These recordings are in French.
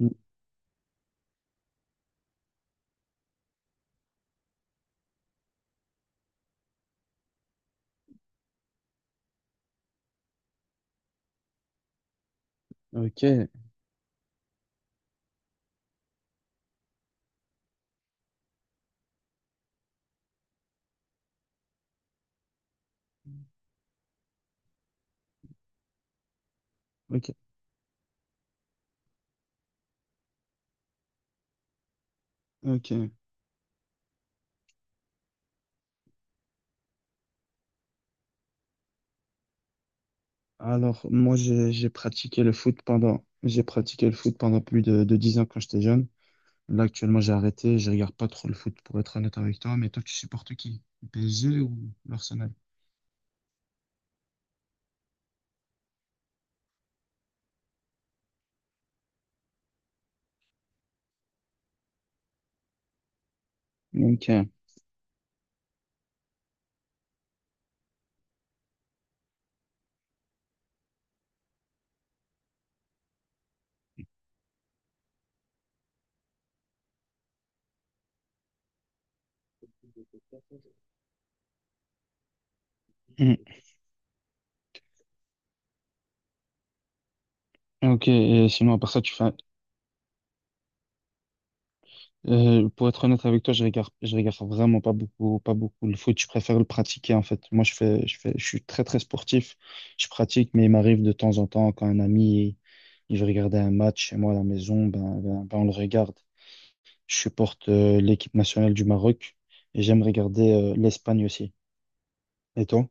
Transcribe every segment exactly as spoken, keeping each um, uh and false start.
Mm. Ok, ok, ok. Alors, moi, j'ai j'ai pratiqué le foot pendant, j'ai pratiqué le foot pendant plus de, de dix ans quand j'étais jeune. Là, actuellement, j'ai arrêté. Je regarde pas trop le foot pour être honnête avec toi. Mais toi, tu supportes qui? Le P S G ou l'Arsenal? Ok. Mm. Ok. Et sinon, à part ça, tu fais. Euh, pour être honnête avec toi, je regarde, je regarde vraiment pas beaucoup, pas beaucoup le foot. Je préfère le pratiquer en fait. Moi, je fais, je fais, je suis très très sportif. Je pratique, mais il m'arrive de temps en temps quand un ami il veut regarder un match chez moi à la maison, ben, ben, ben, on le regarde. Je supporte euh, l'équipe nationale du Maroc et j'aime regarder euh, l'Espagne aussi. Et toi?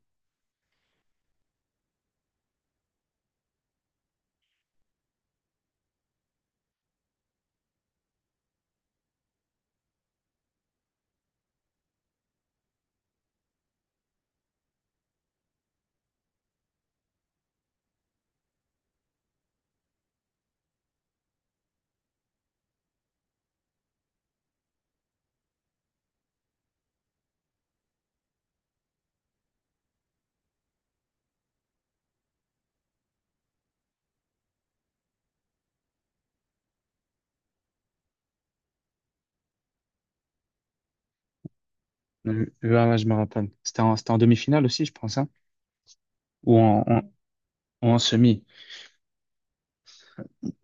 Euh, ouais, ouais, je me rappelle. C'était en, c'était en demi-finale aussi, je pense, hein? Ou en, en, ou en semi.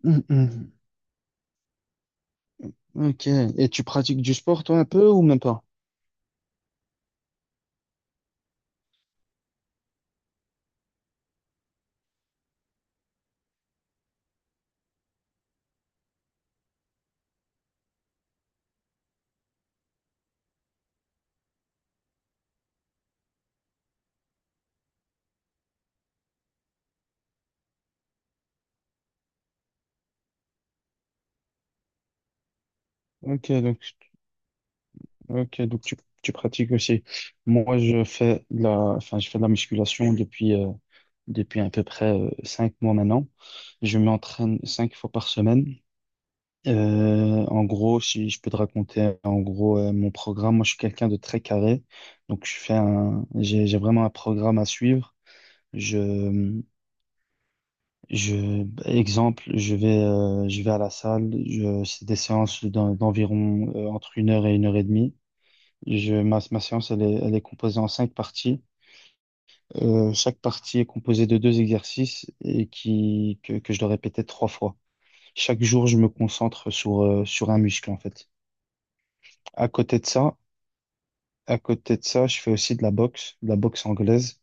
Hum, hum. Ok. Et tu pratiques du sport toi un peu ou même pas? Ok, donc Ok, donc tu, tu pratiques aussi. Moi, je fais de la, enfin, je fais de la musculation depuis, euh, depuis à peu près euh, cinq mois maintenant. Je m'entraîne cinq fois par semaine. Euh, en gros, si je peux te raconter, en gros, euh, mon programme, moi, je suis quelqu'un de très carré. Donc, je fais un, j'ai, j'ai vraiment un programme à suivre. Je, je, exemple, je vais, euh, je vais à la salle. Je, c'est des séances d'en- d'environ, euh, entre une heure et une heure et demie. Je, ma, ma séance, elle est, elle est composée en cinq parties. Euh, chaque partie est composée de deux exercices et qui, que, que je dois répéter trois fois. Chaque jour, je me concentre sur, euh, sur un muscle, en fait. À côté de ça, à côté de ça, je fais aussi de la boxe, de la boxe anglaise.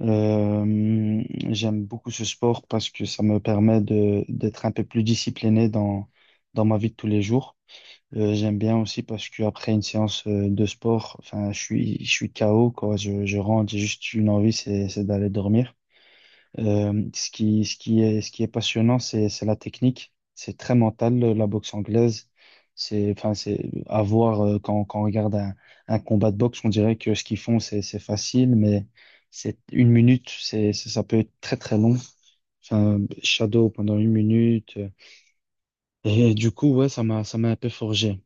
Euh, j'aime beaucoup ce sport parce que ça me permet de, d'être un peu plus discipliné dans, dans ma vie de tous les jours. Euh, j'aime bien aussi parce qu'après une séance euh, de sport, enfin, je suis, je suis K O, quoi. Je, je rentre, j'ai juste une envie, c'est, c'est d'aller dormir. Euh, ce qui, ce qui est, ce qui est passionnant, c'est, c'est la technique. C'est très mental, le- la boxe anglaise. C'est, enfin, c'est à voir euh, quand, quand on regarde un, un combat de boxe, on dirait que ce qu'ils font, c'est, c'est facile, mais c'est une minute, c'est, c'est- ça peut être très, très long. Enfin, Shadow pendant une minute. euh, et du coup, ouais, ça m'a, ça m'a un peu forgé.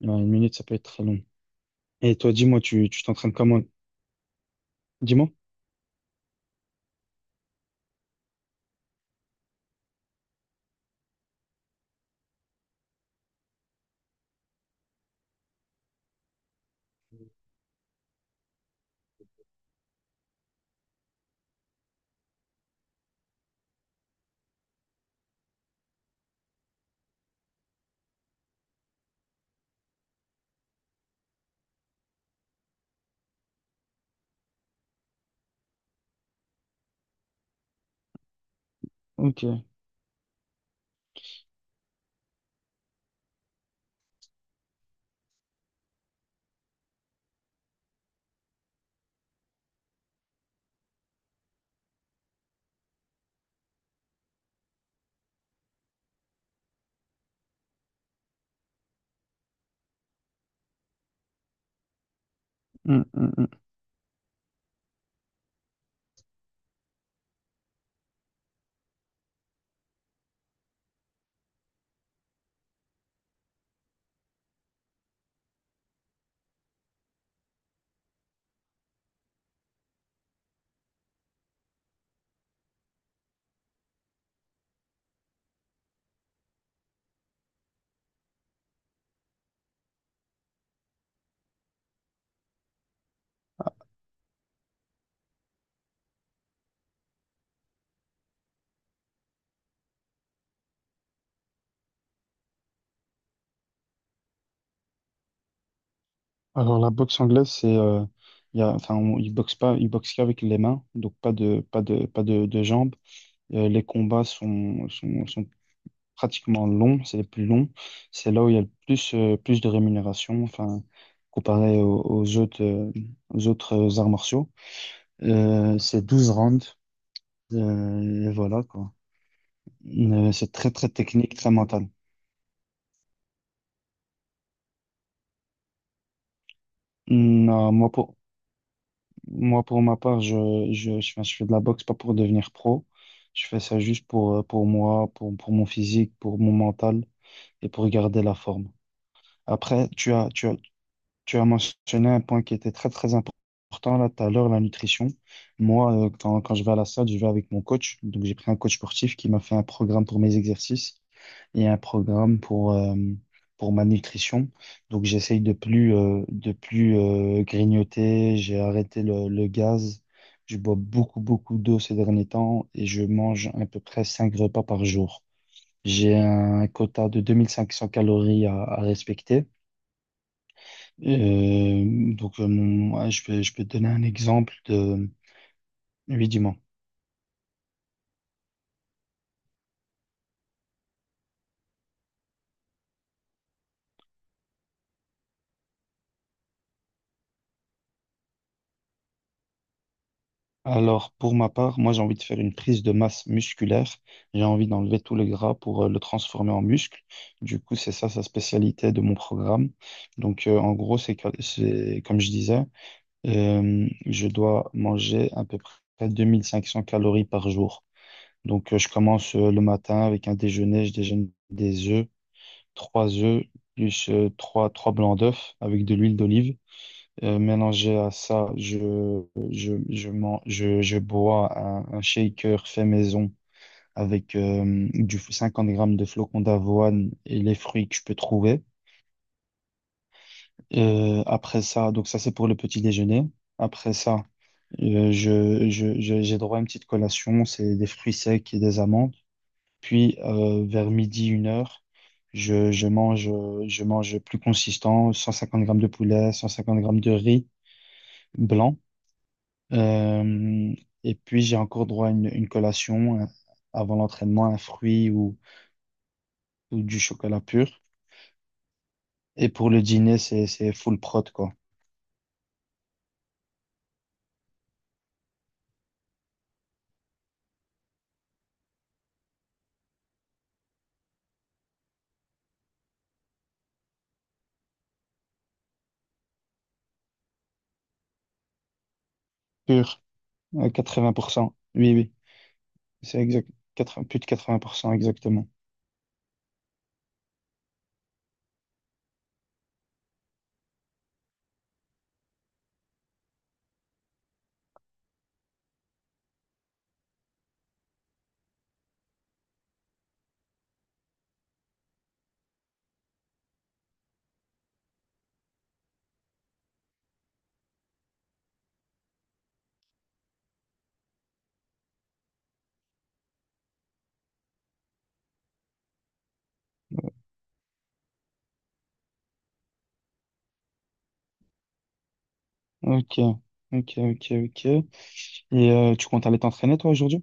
Ouais, une minute, ça peut être très long. Et toi, dis-moi, tu, tu t'entraînes comment? Dis-moi. Ok. Hum, hum, hum. Alors, la boxe anglaise, c'est, euh, il y a, enfin, on- ils boxent pas, ils boxent qu'avec les mains, donc pas de, pas de, pas de, de jambes. Euh, les combats sont, sont, sont pratiquement longs, c'est les plus longs. C'est là où il y a le plus, euh, plus de rémunération, enfin, comparé aux, aux autres, euh, aux autres arts martiaux. Euh, c'est douze rounds. Euh, et voilà, quoi. Euh, c'est très, très technique, très mental. Non, moi, pour, moi, pour ma part, je, je, je, fais je fais de la boxe pas pour devenir pro. Je fais ça juste pour, euh, pour moi, pour, pour mon physique, pour mon mental et pour garder la forme. Après, tu as, tu as, tu as mentionné un point qui était très, très important là tout à l'heure, la nutrition. Moi, euh, quand, quand je vais à la salle, je vais avec mon coach. Donc, j'ai pris un coach sportif qui m'a fait un programme pour mes exercices. Et un programme pour, euh, pour ma nutrition. Donc j'essaye de plus, euh, de plus euh, grignoter, j'ai arrêté le, le gaz, je bois beaucoup, beaucoup d'eau ces derniers temps et je mange à peu près cinq repas par jour. J'ai un quota de deux mille cinq cents calories à, à respecter. Euh, donc euh, mon- ouais, je peux, je peux te donner un exemple de. Oui, dis. Alors, pour ma part, moi, j'ai envie de faire une prise de masse musculaire. J'ai envie d'enlever tout le gras pour euh, le transformer en muscle. Du coup, c'est ça sa spécialité de mon programme. Donc, euh, en gros, c'est, que- c'est comme je disais, euh, je dois manger à peu près deux mille cinq cents calories par jour. Donc, euh, je commence euh, le matin avec un déjeuner. Je déjeune des œufs, trois œufs, plus euh, trois, trois blancs d'œufs avec de l'huile d'olive. Euh, mélangé à ça, je, je, je, man- je, je bois un, un shaker fait maison avec euh, du cinquante grammes de flocons d'avoine et les fruits que je peux trouver. Euh, après ça, donc ça c'est pour le petit déjeuner. Après ça, euh, je, je, je- j'ai droit à une petite collation, c'est des fruits secs et des amandes. Puis euh, vers midi, une heure, je, je mange, je mange plus consistant, cent cinquante grammes de poulet, cent cinquante grammes de riz blanc. Euh, et puis, j'ai encore droit à une, une collation euh, avant l'entraînement, un fruit ou, ou, du chocolat pur. Et pour le dîner, c'est, c'est full prot, quoi. Pur, à quatre-vingts pour cent. Oui, oui, c'est exact. quatre-vingts plus de quatre-vingts pour cent exactement. Ok, ok, ok, ok. Et euh, tu comptes aller t'entraîner, toi, aujourd'hui?